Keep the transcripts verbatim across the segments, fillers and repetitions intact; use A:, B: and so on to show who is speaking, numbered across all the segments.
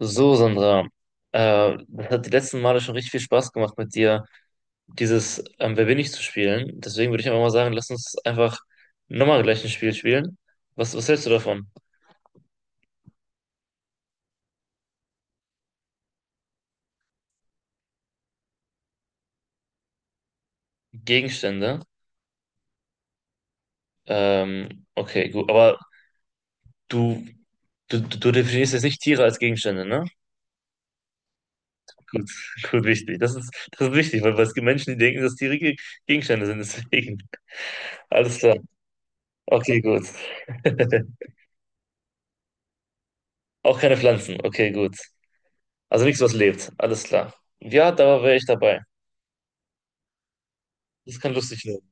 A: So, Sandra, äh, das hat die letzten Male schon richtig viel Spaß gemacht mit dir, dieses ähm, Wer bin ich zu spielen. Deswegen würde ich einfach mal sagen, lass uns einfach nochmal gleich ein Spiel spielen. Was, was hältst du davon? Gegenstände. Ähm, okay, gut. Aber du, du, du definierst jetzt nicht Tiere als Gegenstände, ne? Gut, gut, wichtig. Das ist, das ist wichtig, weil, weil es gibt Menschen, die denken, dass Tiere Ge- Gegenstände sind. Deswegen. Alles klar. Okay, gut. Auch keine Pflanzen. Okay, gut. Also nichts, was lebt. Alles klar. Ja, da wäre ich dabei. Das kann lustig werden.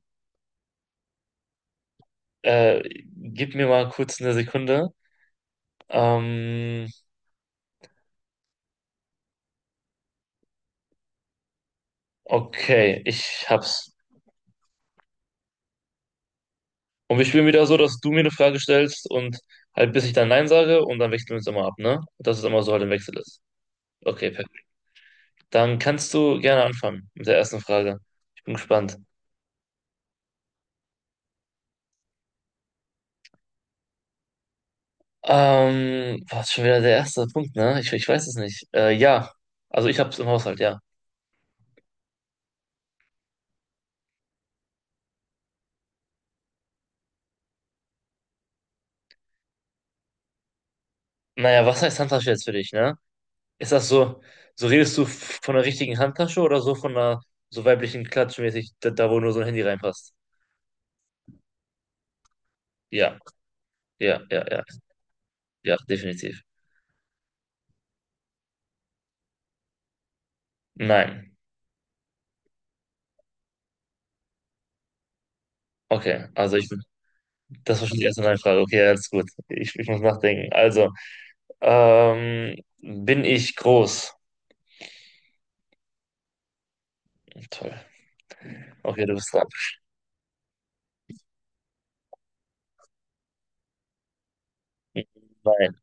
A: Äh, gib mir mal kurz eine Sekunde. Ähm, okay, ich hab's. Und wir spielen wieder so, dass du mir eine Frage stellst und halt bis ich dann Nein sage und dann wechseln wir uns immer ab, ne? Dass es immer so halt im Wechsel ist. Okay, perfekt. Dann kannst du gerne anfangen mit der ersten Frage. Ich bin gespannt. Ähm, war schon wieder der erste Punkt, ne? Ich, ich weiß es nicht. Äh, ja. Also ich hab's im Haushalt, ja. Naja, was heißt Handtasche jetzt für dich, ne? Ist das so, so redest du von der richtigen Handtasche oder so von einer so weiblichen Klatschmäßig, da, da wo nur so ein Handy reinpasst? Ja, ja, ja, ja, ja, definitiv. Nein. Okay, also ich, das war schon die erste Nein-Frage. Okay, alles gut. Ich, ich muss nachdenken. Also, ähm, bin ich groß? Toll. Okay, du bist dran. Nein,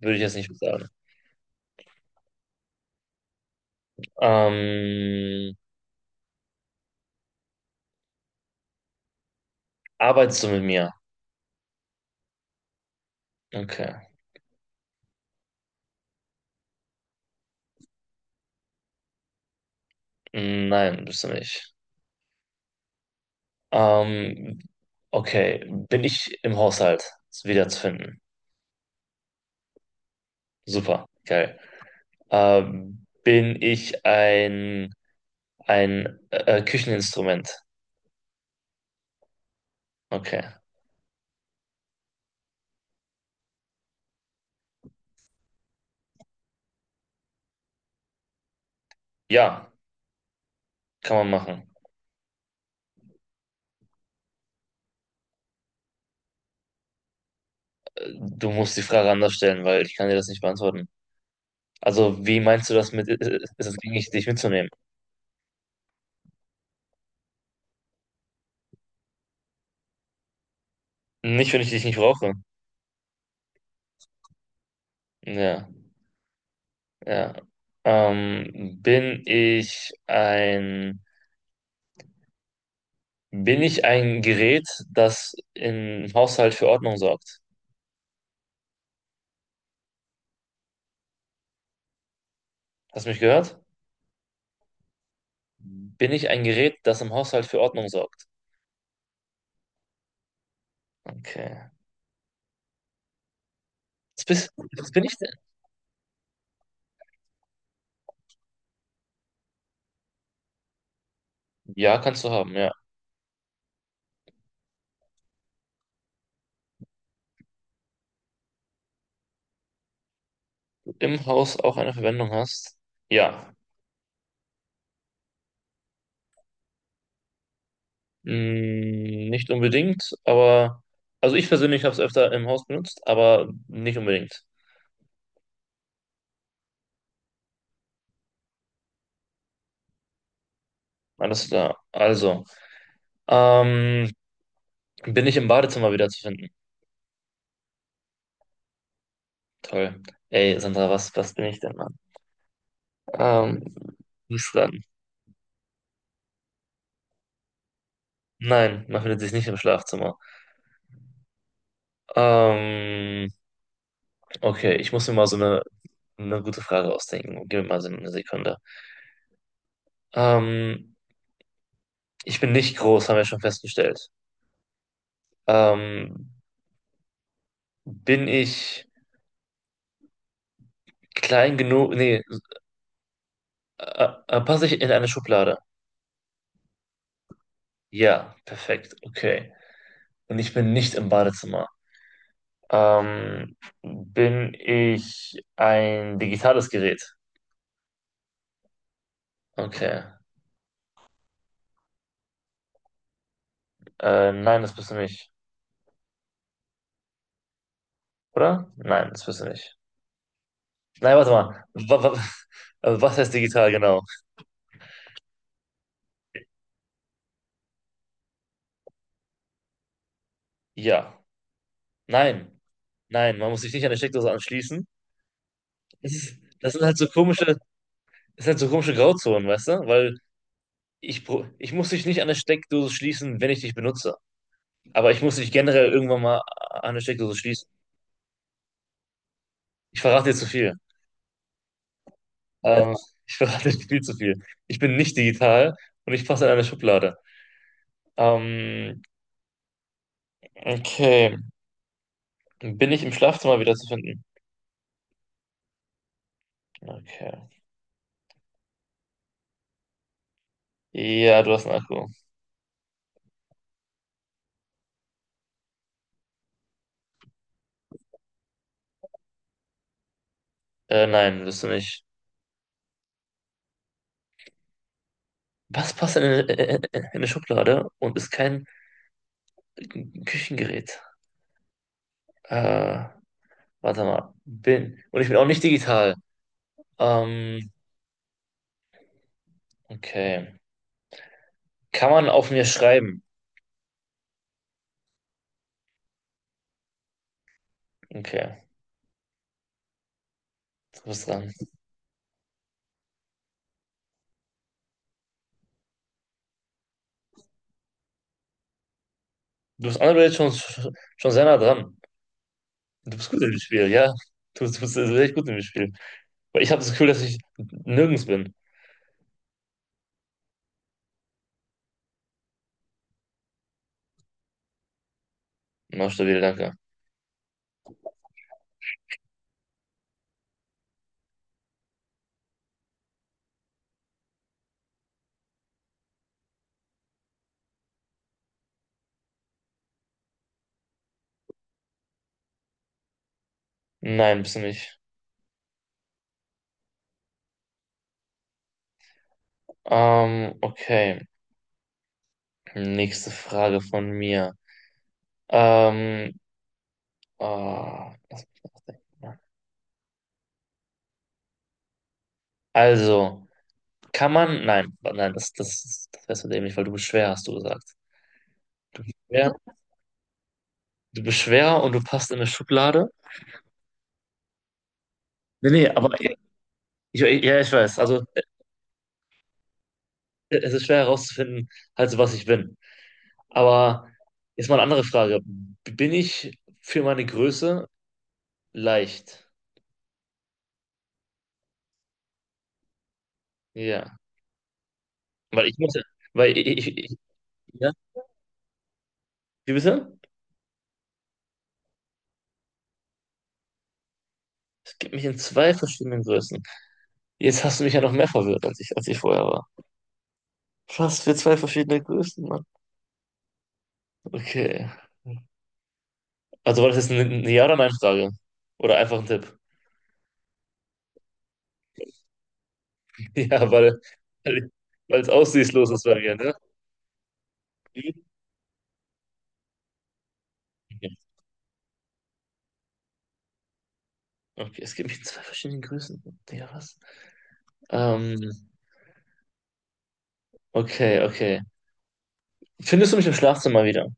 A: würde ich jetzt nicht sagen. Ähm, arbeitest du mit mir? Okay. Nein, bist du nicht. Ähm, okay, bin ich im Haushalt? Ist wiederzufinden. Super, geil. Ähm, bin ich ein, ein äh, Kücheninstrument? Okay. Ja, kann man machen. Äh, Du musst die Frage anders stellen, weil ich kann dir das nicht beantworten. Also, wie meinst du das mit, äh, ist es gängig, dich mitzunehmen? Nicht, wenn ich dich nicht brauche. Ja, ja. Ähm, bin ich ein, bin ich ein Gerät, das im Haushalt für Ordnung sorgt? Hast du mich gehört? Bin ich ein Gerät, das im Haushalt für Ordnung sorgt? Okay. Was bist, was bin ich denn? Ja, kannst du haben, ja. Im Haus auch eine Verwendung hast? Ja. Hm, nicht unbedingt, aber. Also ich persönlich habe es öfter im Haus benutzt, aber nicht unbedingt. Alles klar. Also. Ähm, bin ich im Badezimmer wieder zu finden? Toll. Ey, Sandra, was, was bin ich denn, Mann? Ähm, du bist dran? Nein, man findet sich nicht im Schlafzimmer. Ähm, okay, ich muss mir mal so eine Eine gute Frage ausdenken. Gib mir mal so eine Sekunde. Ähm, ich bin nicht groß, haben wir schon festgestellt. Ähm, bin ich klein genug? Nee, äh, äh, passe ich in eine Schublade? Ja, perfekt, okay. Und ich bin nicht im Badezimmer. Ähm, bin ich ein digitales Gerät? Okay. Äh, nein, das bist du nicht, oder? Nein, das bist du nicht. Nein, warte mal. Wa- wa- äh, Was heißt digital genau? Ja. Nein. Nein, man muss sich nicht an die Steckdose anschließen. Das ist, das sind halt so komische, das sind halt so komische Grauzonen, weißt du? Weil ich, bro- ich muss dich nicht an der Steckdose schließen, wenn ich dich benutze. Aber ich muss dich generell irgendwann mal an der Steckdose schließen. Ich verrate dir zu viel. Ähm, ich verrate dir viel zu viel. Ich bin nicht digital und ich passe in eine Schublade. Ähm, okay. Bin ich im Schlafzimmer wieder zu finden? Okay. Ja, du hast einen Akku. Äh, nein, bist du nicht. Was passt denn in, in, in eine Schublade und ist kein ein Küchengerät. Äh, warte mal. Bin. Und ich bin auch nicht digital. Ähm, okay. Kann man auf mir schreiben? Okay, du bist dran. Du bist andere schon, schon sehr nah dran. Du bist gut im Spiel, ja. Du, du bist echt gut im Spiel. Weil ich habe das Gefühl, dass ich nirgends bin. Na, stabil, danke. Nein, bist du nicht. Ähm, okay. Nächste Frage von mir. Ähm, ah, lass mich nachdenken. Also. Kann man? Nein, nein, das, das, das wärst du dämlich, weil du bist schwer, hast du gesagt. Du bist schwer, du bist schwer und du passt in eine Schublade. Nee, nee, aber ich, ich- ja, ich weiß. Also äh, es ist schwer herauszufinden, halt so was ich bin. Aber jetzt mal eine andere Frage. Bin ich für meine Größe leicht? Ja. Weil ich muss, weil ich, ich, ich ja, wie bitte? Es gibt mich in zwei verschiedenen Größen. Jetzt hast du mich ja noch mehr verwirrt, als ich, als ich vorher war. Fast für zwei verschiedene Größen, Mann. Okay. Also war das jetzt eine, eine Ja- oder Nein-Frage? Oder einfach ein Tipp? Ja, weil, weil, weil es aussichtslos ist bei mir, ne? Mhm. Okay, es gibt mich in zwei verschiedenen Größen. Digga, was? Ähm, okay, okay. Findest du mich im Schlafzimmer wieder?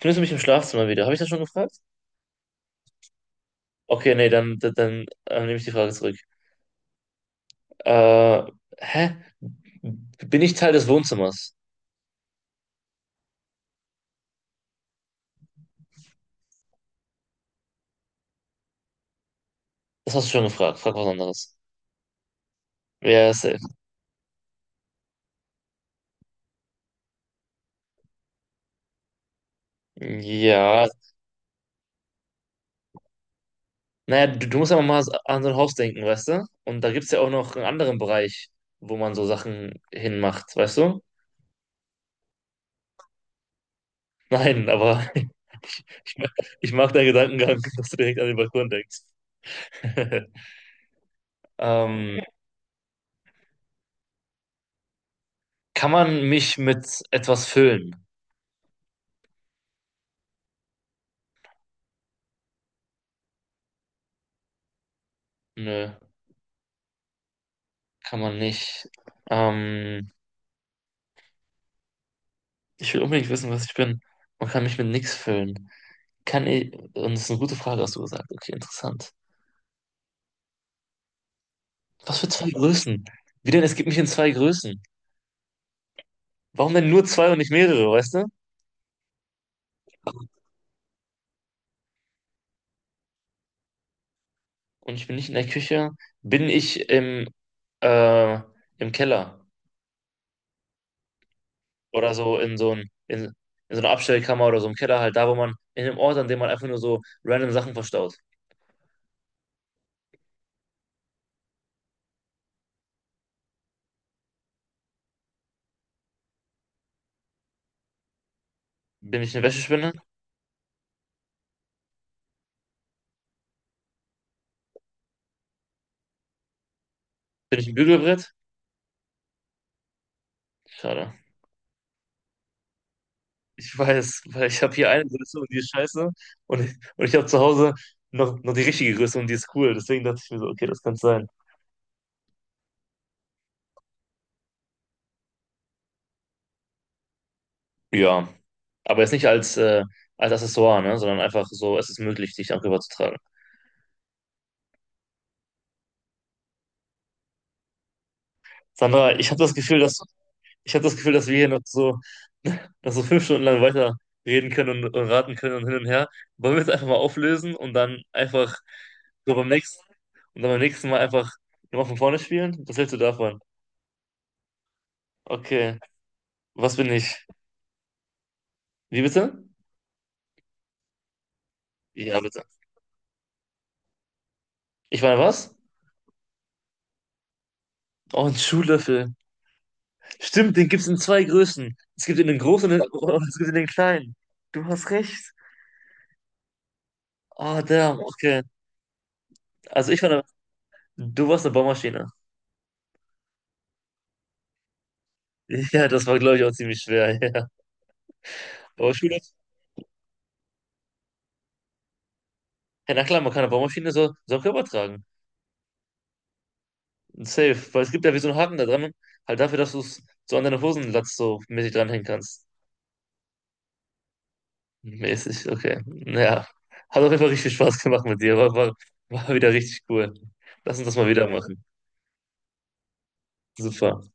A: Findest du mich im Schlafzimmer wieder? Habe ich das schon gefragt? Okay, nee, dann, dann, dann äh, nehme ich die Frage zurück. Äh, hä? Bin ich Teil des Wohnzimmers? Das hast du schon gefragt. Frag was anderes. Ja, safe. Ja, naja, du, du musst aber mal an so ein Haus denken, weißt du? Und da gibt es ja auch noch einen anderen Bereich, wo man so Sachen hinmacht, weißt du? Nein, aber ich, ma- ich mag deinen Gedankengang, dass du direkt an den Balkon denkst. Ähm, kann man mich mit etwas füllen? Nö, kann man nicht. Ähm, ich will unbedingt wissen, was ich bin. Man kann mich mit nichts füllen. Kann ich, und das ist eine gute Frage, hast du gesagt. Okay, interessant. Was für zwei Größen? Wie denn? Es gibt mich in zwei Größen. Warum denn nur zwei und nicht mehrere, weißt du? Und ich bin nicht in der Küche, bin ich im, äh, im Keller oder so in so ein, in, in so einer Abstellkammer oder so im Keller, halt da, wo man, in dem Ort, an dem man einfach nur so random Sachen verstaut. Bin ich eine Wäschespinne? Bin ich ein Bügelbrett? Schade. Ich weiß, weil ich habe hier eine Größe und die ist scheiße und ich, und ich habe zu Hause noch, noch die richtige Größe und die ist cool. Deswegen dachte ich mir so, okay, das kann sein. Ja, aber jetzt nicht als, äh, als Accessoire, ne, sondern einfach so, es ist möglich, dich darüber zu tragen. Sandra, ich habe das Gefühl, dass ich habe das Gefühl, dass wir hier noch so, noch so fünf Stunden lang weiter reden können und, und raten können und hin und her. Wollen wir es einfach mal auflösen und dann einfach so beim nächsten und dann beim nächsten Mal einfach nochmal von vorne spielen? Was hältst du davon? Okay. Was bin ich? Wie bitte? Ja, bitte. Ich meine, was? Oh, ein Schuhlöffel. Stimmt, den gibt es in zwei Größen. Es gibt ihn in den großen und den- und es gibt ihn in den kleinen. Du hast recht. Oh, damn, okay. Also ich war eine, du warst eine Baumaschine. Ja, das war, glaube ich, auch ziemlich schwer. Ja. Aber Schuhlöffel. Ja, na klar, man kann eine Baumaschine so, so auch übertragen. Safe. Weil es gibt ja wie so einen Haken da dran, halt dafür, dass du es so an deine Hosenlatz so mäßig dranhängen kannst. Mäßig, okay. Naja, hat auf jeden Fall richtig viel Spaß gemacht mit dir. War, war, war wieder richtig cool. Lass uns das mal wieder machen. Super.